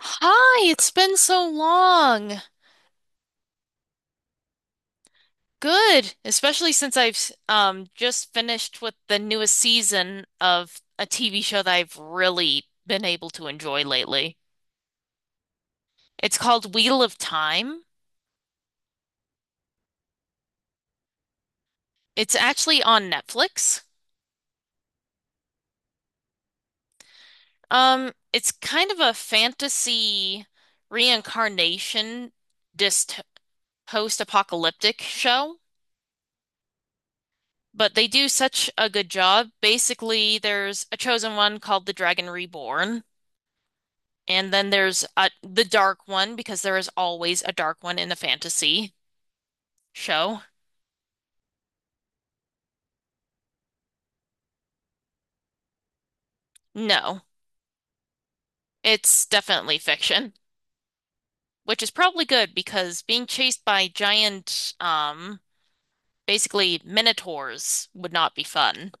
Hi, it's been so long. Good, especially since I've just finished with the newest season of a TV show that I've really been able to enjoy lately. It's called Wheel of Time. It's actually on Netflix. It's kind of a fantasy reincarnation dyst post-apocalyptic show, but they do such a good job. Basically, there's a chosen one called the Dragon Reborn. And then the dark one because there is always a dark one in a fantasy show. No, it's definitely fiction, which is probably good because being chased by giant, basically minotaurs would not be fun.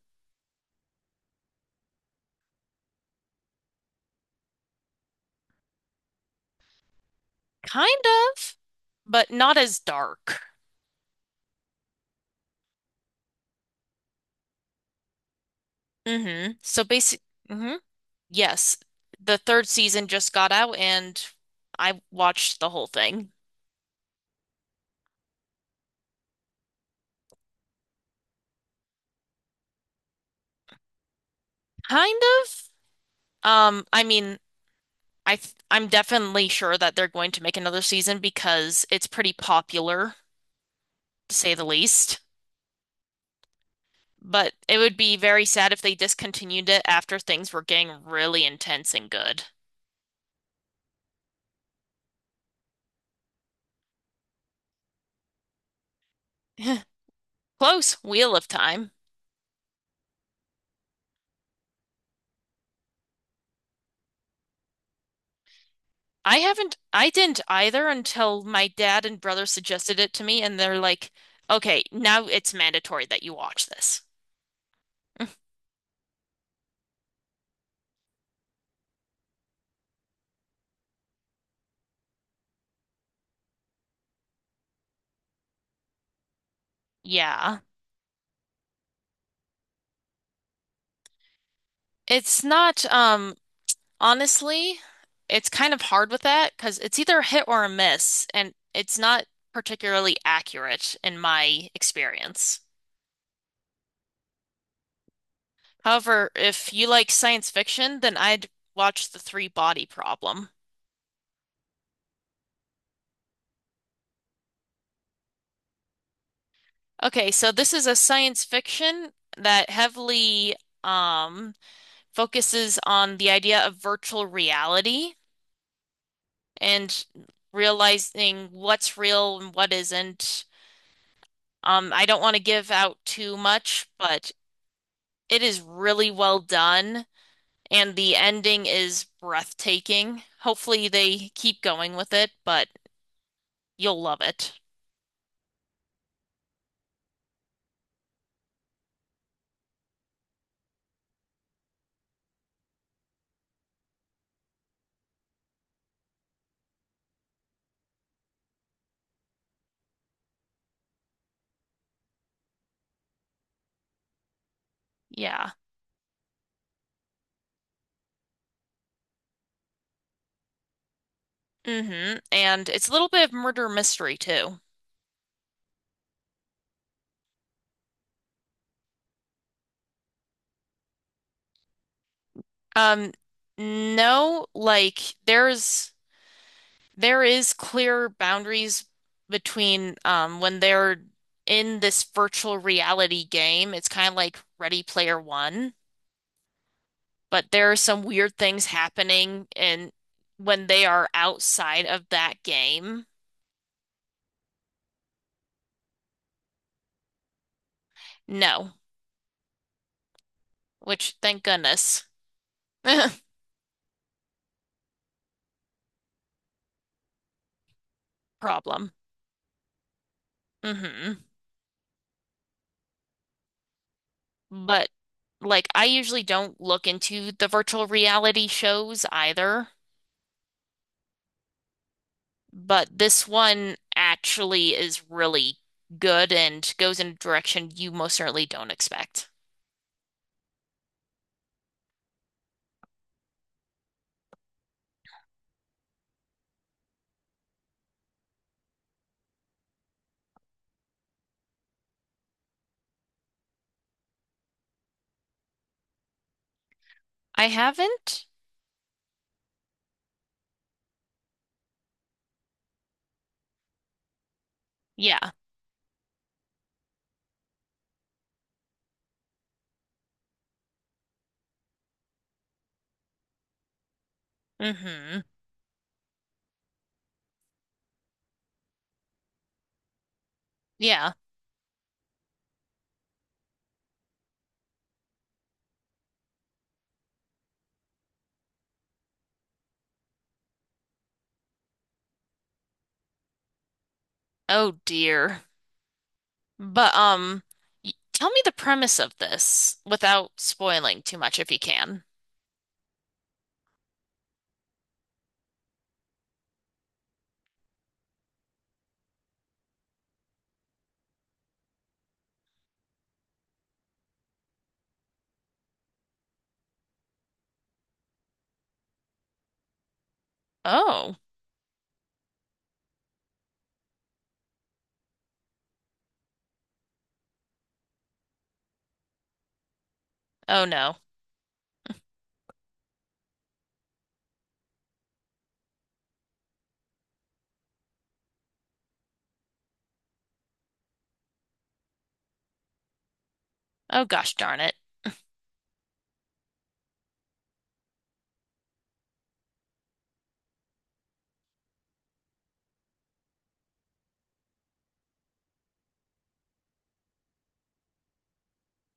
Kind of, but not as dark. Hmm So basic, hmm Yes, the third season just got out and I watched the whole thing. Kind of. I mean, I'm definitely sure that they're going to make another season because it's pretty popular, to say the least. But it would be very sad if they discontinued it after things were getting really intense and good. Close, Wheel of Time. I didn't either until my dad and brother suggested it to me, and they're like, okay, now it's mandatory that you watch this. Yeah. It's not, honestly, it's kind of hard with that because it's either a hit or a miss, and it's not particularly accurate in my experience. However, if you like science fiction, then I'd watch The Three Body Problem. Okay, so this is a science fiction that heavily um, focuses on the idea of virtual reality and realizing what's real and what isn't. I don't want to give out too much, but it is really well done, and the ending is breathtaking. Hopefully, they keep going with it, but you'll love it. Yeah. Mm-hmm. And it's a little bit of murder mystery too. Um, no, like there is clear boundaries between when they're in this virtual reality game. It's kind of like Ready Player One, but there are some weird things happening and when they are outside of that game. No, which thank goodness. Problem. hmm But like I usually don't look into the virtual reality shows either, but this one actually is really good and goes in a direction you most certainly don't expect. I haven't? Yeah. hmm Yeah. Oh dear. But tell me the premise of this without spoiling too much if you can. Oh, oh no. Oh gosh darn it.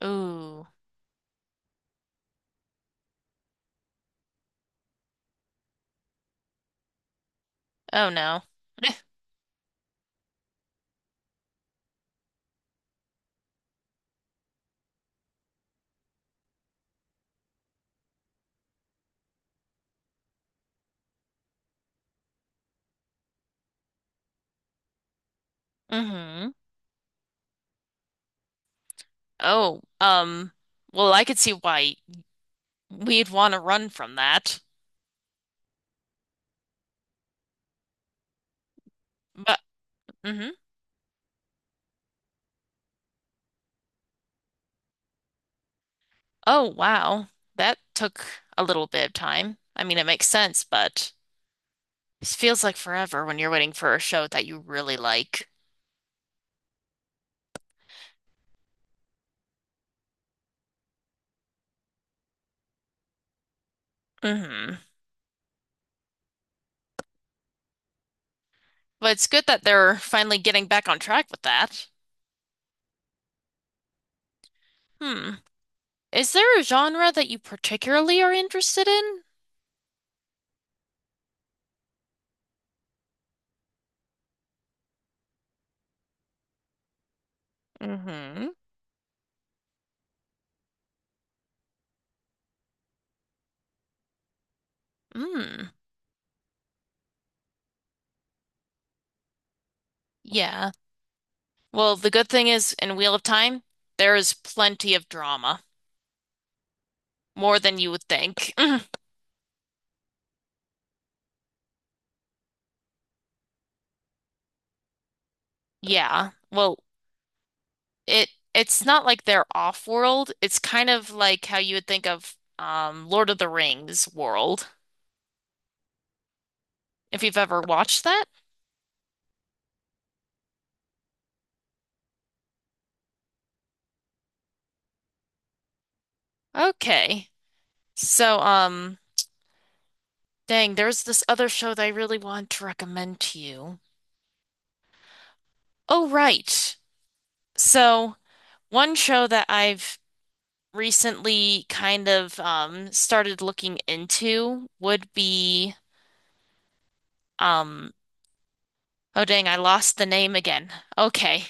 Ooh. Oh no. Mm-hmm. Oh, well, I could see why we'd want to run from that. But mm-hmm. Oh wow. That took a little bit of time. I mean, it makes sense, but it feels like forever when you're waiting for a show that you really like. Mm-hmm. But it's good that they're finally getting back on track with that. Hmm. Is there a genre that you particularly are interested in? Mm-hmm. Mm, yeah. Well, the good thing is in Wheel of Time, there is plenty of drama, more than you would think. Yeah. Well, it's not like they're off-world. It's kind of like how you would think of Lord of the Rings world, if you've ever watched that. Okay. So, dang, there's this other show that I really want to recommend to you. Oh, right. So one show that I've recently kind of started looking into would be um, oh dang, I lost the name again. Okay.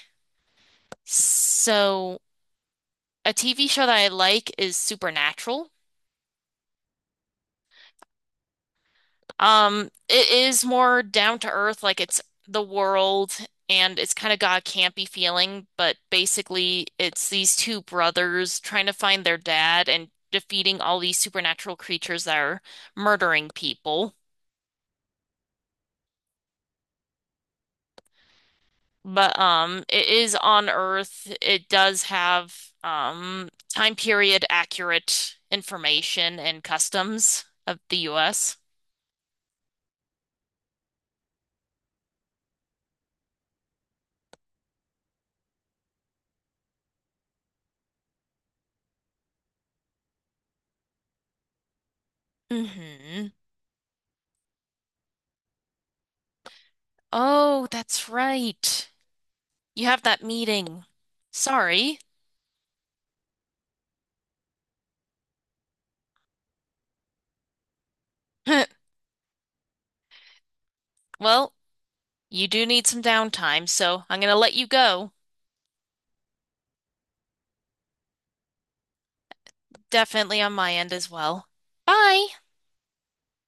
So a TV show that I like is Supernatural. It is more down to earth, like it's the world and it's kind of got a campy feeling, but basically it's these two brothers trying to find their dad and defeating all these supernatural creatures that are murdering people. But it is on Earth. It does have um time period accurate information and customs of the US. hmm Oh, that's right. You have that meeting. Sorry. Well, you do need some downtime, so I'm gonna let you go. Definitely on my end as well. Bye.